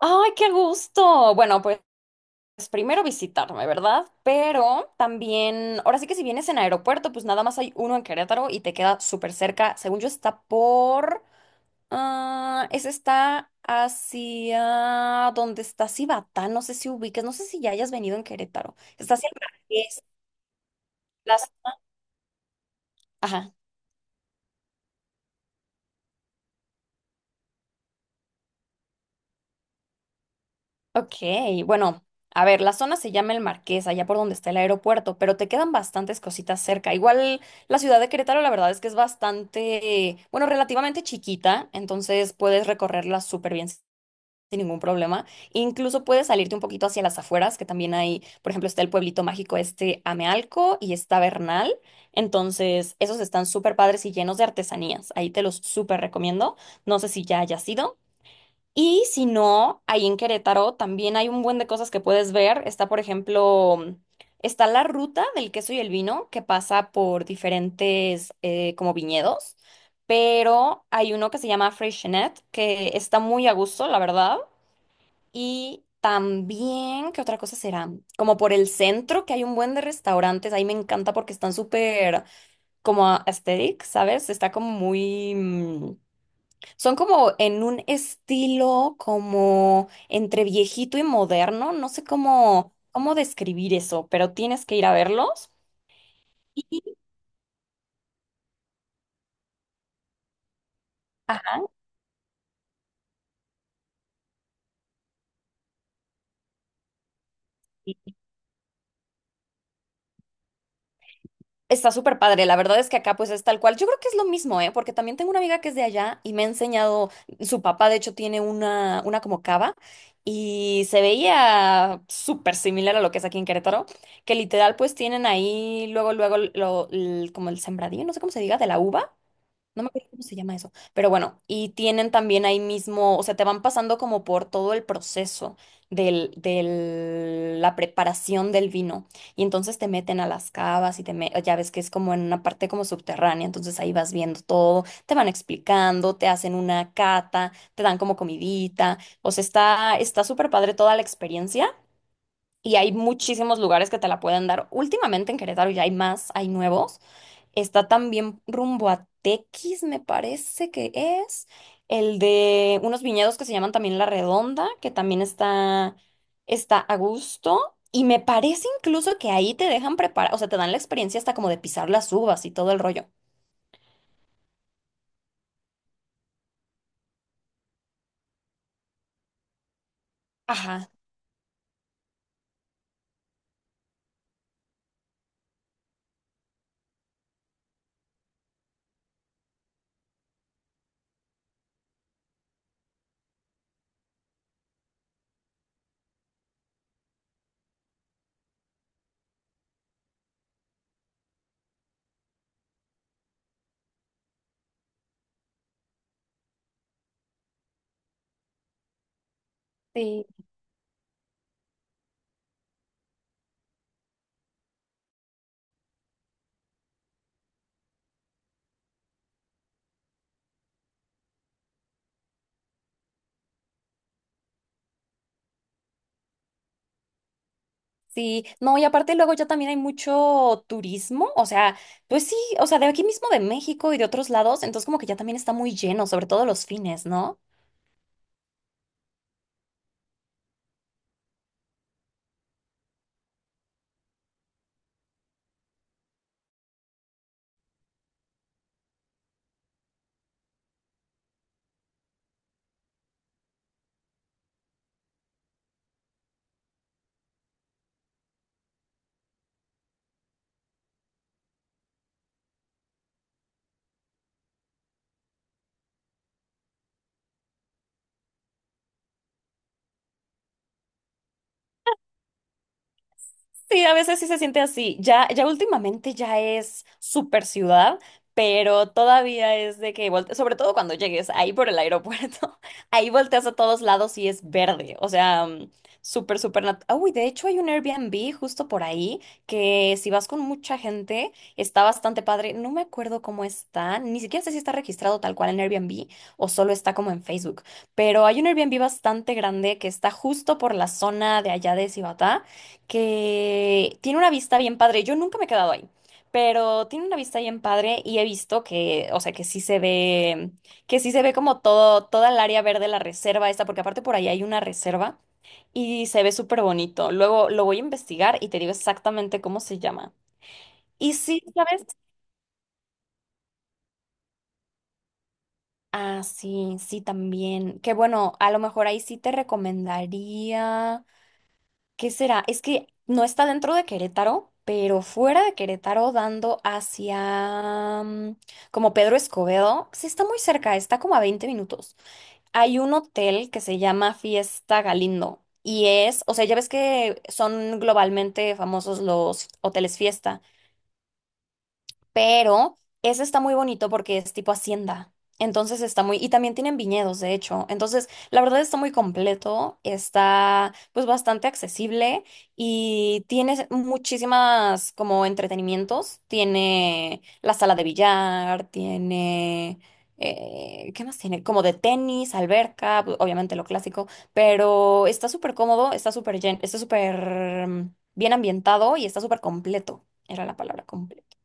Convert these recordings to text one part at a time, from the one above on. ¡Ay, qué gusto! Bueno, pues primero visitarme, ¿verdad? Pero también, ahora sí que si vienes en aeropuerto, pues nada más hay uno en Querétaro y te queda súper cerca. Según yo, está por... ese está hacia donde está Cibatá, no sé si ubiques, no sé si ya hayas venido en Querétaro. Está hacia el Marqués, las... Ajá. Ok, bueno, a ver, la zona se llama El Marqués, allá por donde está el aeropuerto, pero te quedan bastantes cositas cerca. Igual la ciudad de Querétaro, la verdad es que es bastante, bueno, relativamente chiquita, entonces puedes recorrerla súper bien sin ningún problema. Incluso puedes salirte un poquito hacia las afueras, que también hay, por ejemplo, está el pueblito mágico este Amealco y está Bernal. Entonces, esos están súper padres y llenos de artesanías. Ahí te los súper recomiendo. No sé si ya hayas ido. Y si no, ahí en Querétaro también hay un buen de cosas que puedes ver. Está, por ejemplo, está la ruta del queso y el vino que pasa por diferentes como viñedos, pero hay uno que se llama Freixenet que está muy a gusto, la verdad. Y también, ¿qué otra cosa será? Como por el centro, que hay un buen de restaurantes. Ahí me encanta porque están súper como aesthetic, ¿sabes? Está como muy... son como en un estilo como entre viejito y moderno, no sé cómo, cómo describir eso, pero tienes que ir a verlos. Y, ajá, y está súper padre, la verdad es que acá pues es tal cual. Yo creo que es lo mismo, ¿eh? Porque también tengo una amiga que es de allá y me ha enseñado, su papá de hecho tiene una como cava y se veía súper similar a lo que es aquí en Querétaro, que literal pues tienen ahí luego, luego como el sembradío, no sé cómo se diga, de la uva. No me acuerdo cómo se llama eso. Pero bueno, y tienen también ahí mismo, o sea, te van pasando como por todo el proceso la preparación del vino. Y entonces te meten a las cavas y ya ves que es como en una parte como subterránea, entonces ahí vas viendo todo, te van explicando, te hacen una cata, te dan como comidita. O sea, está súper padre toda la experiencia. Y hay muchísimos lugares que te la pueden dar. Últimamente en Querétaro ya hay más, hay nuevos. Está también rumbo a Tequis, me parece que es. El de unos viñedos que se llaman también La Redonda, que también está a gusto. Y me parece incluso que ahí te dejan preparar, o sea, te dan la experiencia hasta como de pisar las uvas y todo el rollo. Ajá, sí, sí. No, y aparte luego ya también hay mucho turismo, o sea, pues sí, o sea, de aquí mismo de México y de otros lados, entonces como que ya también está muy lleno, sobre todo los fines, ¿no? Sí, a veces sí se siente así. Ya, ya últimamente ya es super ciudad, pero todavía es de que sobre todo cuando llegues ahí por el aeropuerto, ahí volteas a todos lados y es verde. O sea, súper, Ah, uy, de hecho hay un Airbnb justo por ahí que si vas con mucha gente está bastante padre. No me acuerdo cómo está, ni siquiera sé si está registrado tal cual en Airbnb o solo está como en Facebook, pero hay un Airbnb bastante grande que está justo por la zona de allá de Cibatá que tiene una vista bien padre. Yo nunca me he quedado ahí, pero tiene una vista bien padre y he visto que, o sea, que sí se ve como todo, toda el área verde, la reserva esta, porque aparte por ahí hay una reserva y se ve súper bonito. Luego lo voy a investigar y te digo exactamente cómo se llama. Y sí, ¿sabes? Ah, sí, sí, también. Que bueno, a lo mejor ahí sí te recomendaría. ¿Qué será? Es que no está dentro de Querétaro, pero fuera de Querétaro, dando hacia como Pedro Escobedo. Sí, está muy cerca, está como a 20 minutos. Hay un hotel que se llama Fiesta Galindo. Y es, o sea, ya ves que son globalmente famosos los hoteles fiesta. Pero ese está muy bonito porque es tipo hacienda. Entonces está muy, y también tienen viñedos, de hecho. Entonces, la verdad está muy completo, está pues bastante accesible y tiene muchísimas como entretenimientos. Tiene la sala de billar, tiene, ¿qué más tiene? Como de tenis, alberca, pues, obviamente lo clásico, pero está súper cómodo, está súper bien ambientado y está súper completo. Era la palabra completa.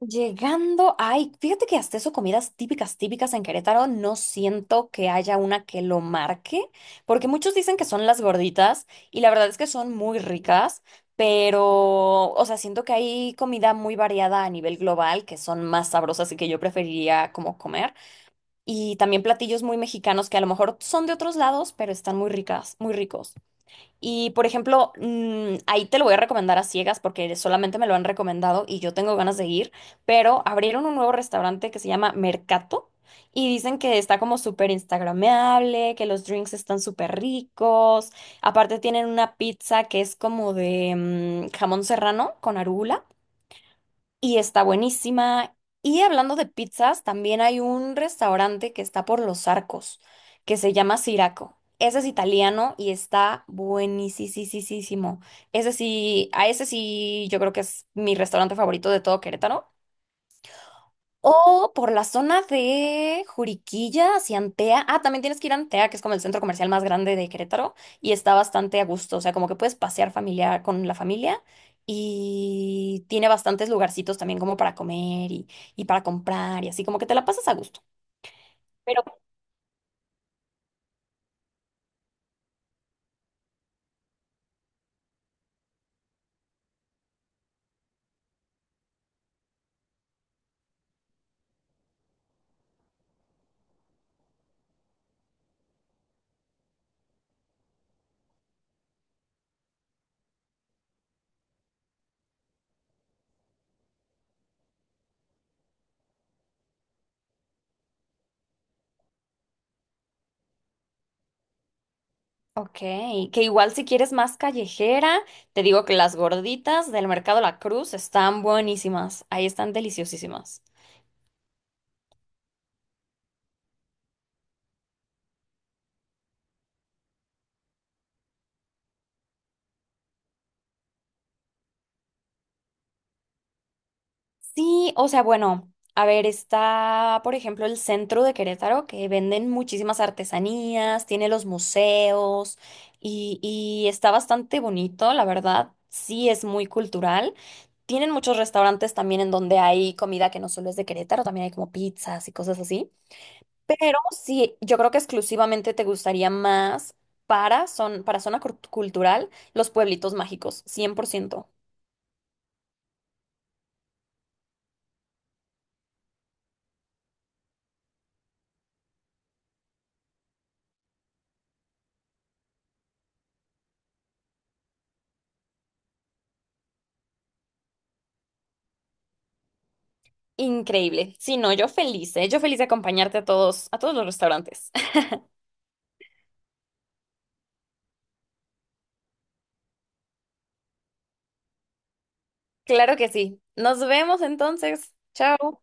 Llegando, ay, fíjate que hasta eso comidas típicas, típicas en Querétaro, no siento que haya una que lo marque, porque muchos dicen que son las gorditas y la verdad es que son muy ricas, pero, o sea, siento que hay comida muy variada a nivel global que son más sabrosas y que yo preferiría como comer, y también platillos muy mexicanos que a lo mejor son de otros lados, pero están muy ricas, muy ricos. Y por ejemplo, ahí te lo voy a recomendar a ciegas porque solamente me lo han recomendado y yo tengo ganas de ir, pero abrieron un nuevo restaurante que se llama Mercato y dicen que está como súper instagrameable, que los drinks están súper ricos. Aparte tienen una pizza que es como de jamón serrano con arugula y está buenísima. Y hablando de pizzas, también hay un restaurante que está por Los Arcos, que se llama Siraco. Ese es italiano y está buenísimo. Ese sí, a ese sí, yo creo que es mi restaurante favorito de todo Querétaro. O por la zona de Juriquilla hacia Antea. Ah, también tienes que ir a Antea, que es como el centro comercial más grande de Querétaro, y está bastante a gusto. O sea, como que puedes pasear familiar con la familia y tiene bastantes lugarcitos también como para comer y para comprar y así, como que te la pasas a gusto. Pero, ok, que igual si quieres más callejera, te digo que las gorditas del Mercado La Cruz están buenísimas. Ahí están deliciosísimas. Sí, o sea, bueno, a ver, está, por ejemplo, el centro de Querétaro, que venden muchísimas artesanías, tiene los museos y está bastante bonito, la verdad, sí es muy cultural. Tienen muchos restaurantes también en donde hay comida que no solo es de Querétaro, también hay como pizzas y cosas así. Pero sí, yo creo que exclusivamente te gustaría más para, son, para zona cultural los pueblitos mágicos, 100%. Increíble. Sí, no, yo feliz, ¿eh? Yo feliz de acompañarte a todos los restaurantes. Claro que sí. Nos vemos entonces. Chao.